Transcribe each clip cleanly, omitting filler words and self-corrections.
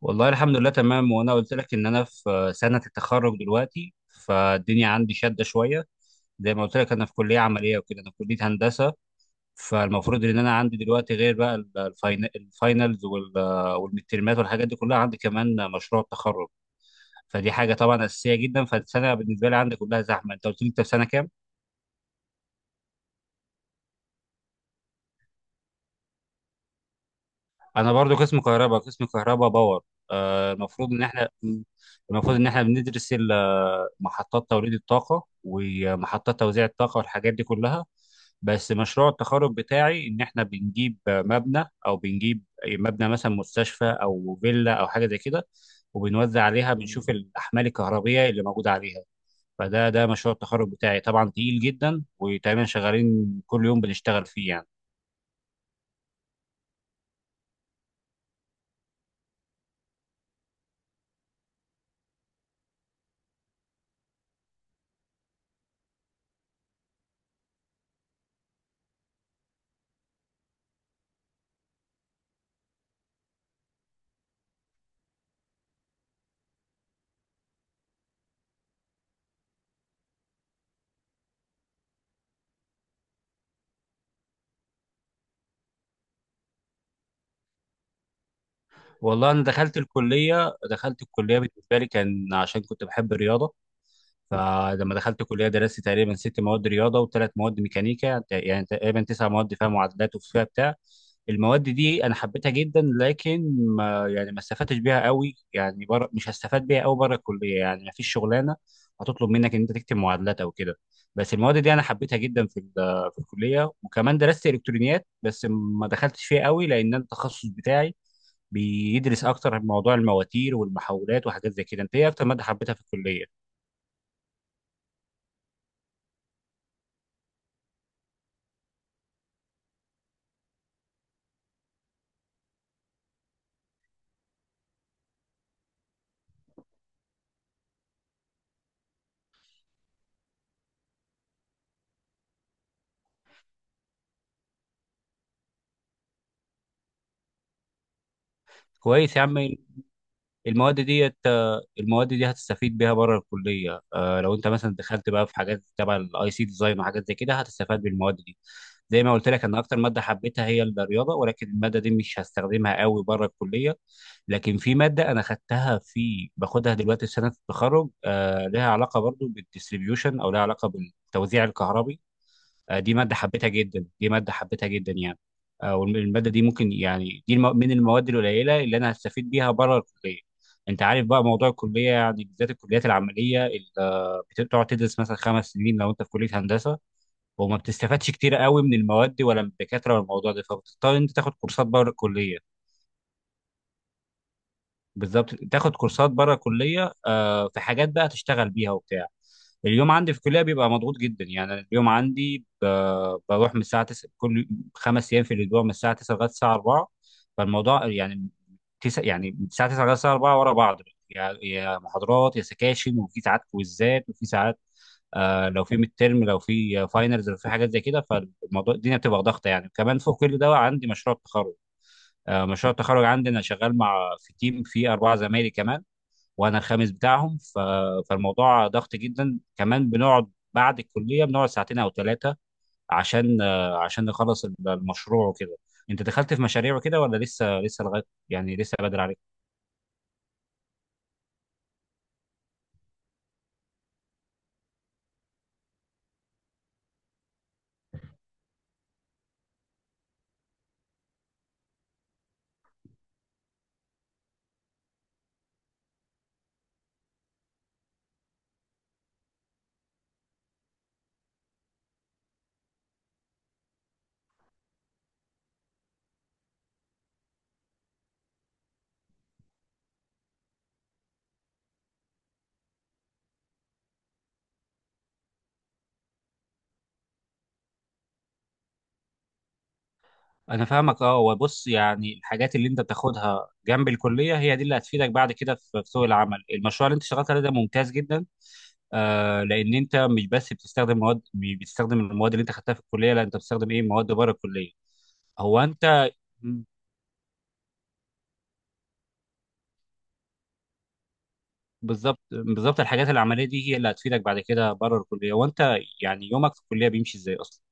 والله الحمد لله تمام. وانا قلت لك ان انا في سنة التخرج دلوقتي، فالدنيا عندي شادة شوية. زي ما قلت لك انا في كلية عملية وكده، انا في كلية هندسة. فالمفروض ان انا عندي دلوقتي غير بقى الفاينلز والمترمات والحاجات دي كلها، عندي كمان مشروع التخرج. فدي حاجة طبعا أساسية جدا، فالسنة بالنسبة لي عندي كلها زحمة. انت قلت لي انت في سنة كام؟ انا برضو قسم كهرباء، قسم كهرباء باور. المفروض ان احنا، المفروض ان احنا بندرس محطات توليد الطاقه ومحطات توزيع الطاقه والحاجات دي كلها. بس مشروع التخرج بتاعي ان احنا بنجيب مبنى او بنجيب مبنى مثلا، مستشفى او فيلا او حاجه زي كده، وبنوزع عليها، بنشوف الاحمال الكهربيه اللي موجوده عليها. فده مشروع التخرج بتاعي، طبعا تقيل جدا وتقريبا شغالين كل يوم بنشتغل فيه يعني. والله انا دخلت الكليه بالنسبه لي كان عشان كنت بحب الرياضه. فلما دخلت الكليه درست تقريبا ست مواد رياضه وثلاث مواد ميكانيكا، يعني تقريبا تسع مواد فيها معادلات وفيها بتاع. المواد دي انا حبيتها جدا، لكن ما يعني ما استفدتش بيها قوي يعني بره، مش هستفاد بيها قوي بره الكليه، يعني ما فيش شغلانه هتطلب منك ان انت تكتب معادلات او كده. بس المواد دي انا حبيتها جدا في في الكليه. وكمان درست الكترونيات بس ما دخلتش فيها قوي، لان أنا التخصص بتاعي بيدرس اكتر عن موضوع المواتير والمحولات وحاجات زي كده. انت ايه اكتر ماده حبيتها في الكليه؟ كويس يا عم. المواد ديت، المواد دي هتستفيد بيها بره الكليه. لو انت مثلا دخلت بقى في حاجات تبع الاي سي ديزاين وحاجات زي كده، هتستفاد بالمواد دي. زي ما قلت لك، انا اكتر ماده حبيتها هي الرياضه، ولكن الماده دي مش هستخدمها قوي بره الكليه. لكن في ماده انا خدتها، في باخدها دلوقتي في سنه التخرج، آه، لها علاقه برضو بالديستريبيوشن او لها علاقه بالتوزيع الكهربي. دي ماده حبيتها جدا، دي ماده حبيتها جدا يعني. والماده دي ممكن يعني، دي من المواد القليله اللي انا هستفيد بيها بره الكليه. انت عارف بقى موضوع الكليه يعني، بالذات الكليات العمليه اللي بتقعد تدرس مثلا خمس سنين لو انت في كليه هندسه، وما بتستفادش كتير قوي من المواد ولا من الدكاتره ولا الموضوع ده، فبتضطر انت تاخد كورسات بره الكليه. بالظبط، تاخد كورسات بره الكليه. في حاجات بقى تشتغل بيها وبتاع. اليوم عندي في الكليه بيبقى مضغوط جدا يعني، أنا اليوم عندي، بروح من الساعه 9 كل خمس ايام في الاسبوع، من الساعه 9 لغايه الساعه 4. فالموضوع يعني، تسع يعني من الساعه 9 لغايه الساعه 4 ورا بعض، يعني يا محاضرات يا سكاشن، وفي ساعات كويزات، وفي ساعات آه لو في ميد ترم، لو في فاينلز، لو في حاجات زي كده. فالموضوع الدنيا بتبقى ضغطه يعني. كمان فوق كل ده عندي مشروع التخرج. مشروع التخرج عندي، انا شغال مع، في تيم فيه اربعه زمايلي كمان وانا الخامس بتاعهم فالموضوع ضغط جدا. كمان بنقعد بعد الكليه، بنقعد ساعتين او ثلاثه عشان عشان نخلص المشروع وكده. انت دخلت في مشاريع وكده ولا لسه لغايه يعني لسه بدري عليك؟ انا فاهمك. اه وبص، يعني الحاجات اللي انت بتاخدها جنب الكليه هي دي اللي هتفيدك بعد كده في في سوق العمل. المشروع اللي انت اشتغلت عليه ده ممتاز جدا، آه، لان انت مش بس بتستخدم مواد، مش بتستخدم المواد اللي انت خدتها في الكليه، لا انت بتستخدم ايه، مواد بره الكليه. هو انت. مم. بالظبط بالظبط، الحاجات العمليه دي هي اللي هتفيدك بعد كده بره الكليه. وانت يعني يومك في الكليه بيمشي ازاي اصلا؟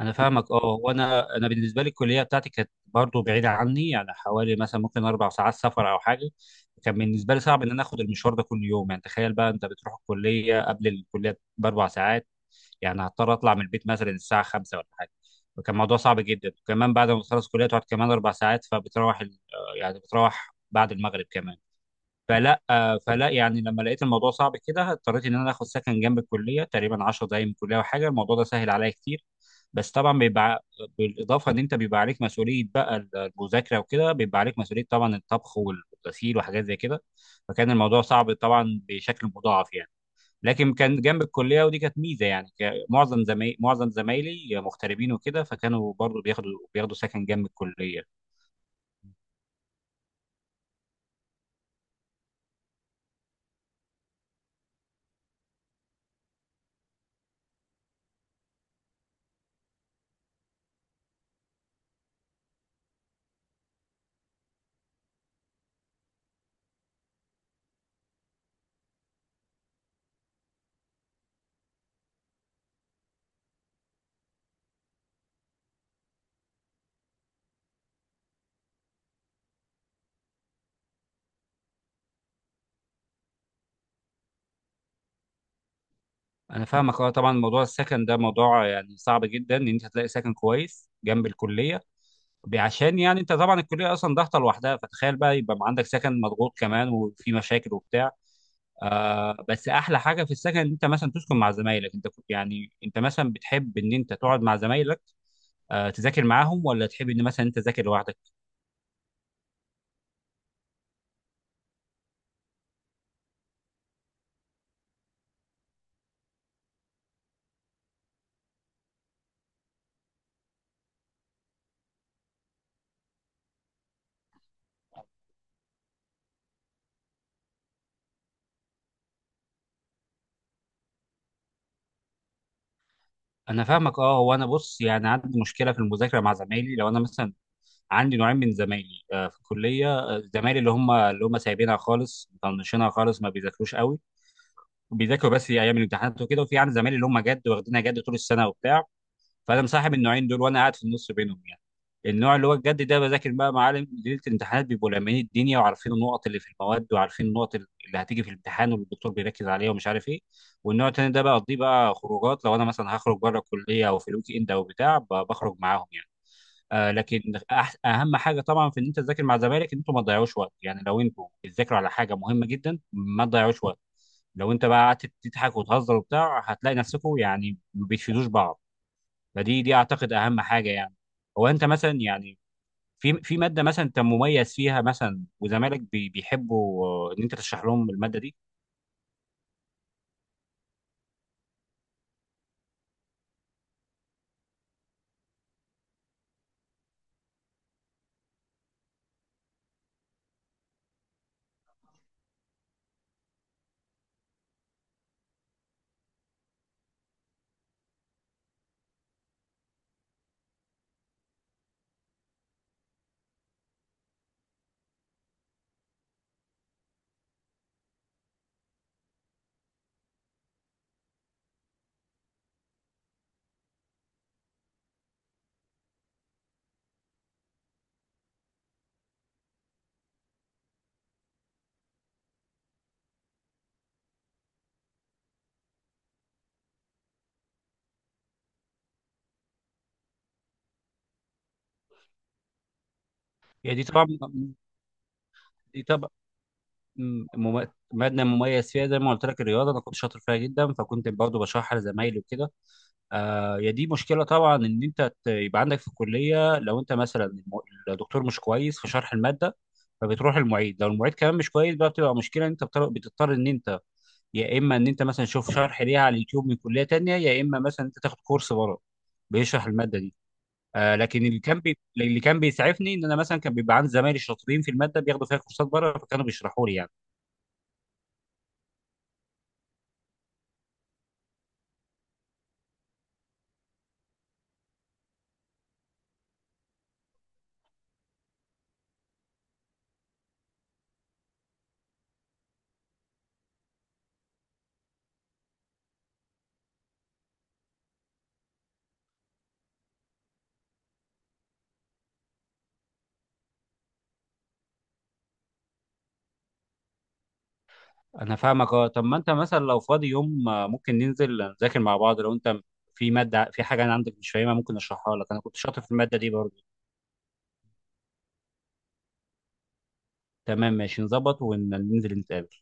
انا فاهمك اه. وانا انا بالنسبه لي الكليه بتاعتي كانت برضو بعيده عني، يعني حوالي مثلا ممكن اربع ساعات سفر او حاجه. كان بالنسبه لي صعب ان انا اخد المشوار ده كل يوم. يعني تخيل بقى انت بتروح الكليه قبل الكليه باربع ساعات، يعني هضطر اطلع من البيت مثلا الساعه 5 ولا حاجه، فكان الموضوع صعب جدا. وكمان بعد ما بتخلص الكليه تقعد كمان اربع ساعات، فبتروح يعني بتروح بعد المغرب كمان. فلا يعني لما لقيت الموضوع صعب كده، اضطريت ان انا اخد سكن جنب الكليه، تقريبا 10 دقايق من الكليه وحاجه. الموضوع ده سهل عليا كتير. بس طبعا بيبقى، بالاضافه ان انت بيبقى عليك مسؤوليه بقى المذاكره وكده، بيبقى عليك مسؤوليه طبعا الطبخ والغسيل وحاجات زي كده، فكان الموضوع صعب طبعا بشكل مضاعف يعني. لكن كان جنب الكليه ودي كانت ميزه، يعني معظم زمايلي مغتربين وكده، فكانوا برضو بياخدوا سكن جنب الكليه. انا فاهمك اه. طبعا موضوع السكن ده موضوع يعني صعب جدا ان انت تلاقي سكن كويس جنب الكليه، عشان يعني انت طبعا الكليه اصلا ضغطه لوحدها، فتخيل بقى يبقى عندك سكن مضغوط كمان وفي مشاكل وبتاع. آه بس احلى حاجه في السكن ان انت مثلا تسكن مع زمايلك. انت يعني انت مثلا بتحب ان انت تقعد مع زمايلك، آه تذاكر معاهم، ولا تحب ان مثلا انت تذاكر لوحدك؟ انا فاهمك اه. هو انا بص، يعني عندي مشكله في المذاكره مع زمايلي. لو انا مثلا، عندي نوعين من زمايلي، في الكليه، زمايلي اللي هم سايبينها خالص، مطنشينها خالص، ما بيذاكروش قوي، وبيذاكروا بس ايام الامتحانات وكده. وفي عندي زمايلي اللي هم جد، واخدينها جد طول السنه وبتاع. فانا مصاحب النوعين دول وانا قاعد في النص بينهم يعني. النوع اللي هو الجد ده، بذاكر بقى معالم ليله الامتحانات، بيبقوا لامين الدنيا وعارفين النقط اللي في المواد، وعارفين النقط اللي هتيجي في الامتحان، والدكتور بيركز عليها ومش عارف ايه. والنوع التاني ده بقضيه بقى خروجات، لو انا مثلا هخرج بره الكليه او في الويك اند او بتاع، بخرج معاهم يعني. آه لكن اهم حاجه طبعا في ان انت تذاكر مع زمايلك، ان انتوا ما تضيعوش وقت. يعني لو انتوا بتذاكروا على حاجه مهمه جدا، ما تضيعوش وقت. لو انت بقى قعدت تضحك وتهزر وبتاع، هتلاقي نفسكم يعني ما بتفيدوش بعض. فدي، دي اعتقد اهم حاجه يعني. هو انت مثلا يعني، في في ماده مثلا انت مميز فيها مثلا، وزمالك بيحبوا ان انت تشرح لهم الماده دي. هي دي طبعا، دي طبعا ماده مميز فيها، زي ما قلت لك الرياضه، انا كنت شاطر فيها جدا، فكنت برضه بشرحها لزمايلي وكده. آه هي دي مشكله طبعا، ان انت يبقى عندك في الكليه لو انت مثلا الدكتور مش كويس في شرح الماده، فبتروح المعيد، لو المعيد كمان مش كويس بقى، بتبقى مشكله. ان انت بتضطر ان انت يا اما ان انت مثلا تشوف شرح ليها على اليوتيوب من كليه تانية، يا اما مثلا انت تاخد كورس بره بيشرح الماده دي. آه لكن اللي كان بيسعفني، ان انا مثلا كان بيبقى عندي زمايلي شاطرين في الماده، بياخدوا فيها كورسات بره، فكانوا بيشرحوا لي يعني. انا فاهمك اه. طب ما انت مثلا لو فاضي يوم، ممكن ننزل نذاكر مع بعض. لو انت في ماده، في حاجه انا عندك مش فاهمها، ممكن اشرحها لك، انا كنت شاطر في الماده دي برضه. تمام، ماشي نظبط وننزل نتقابل.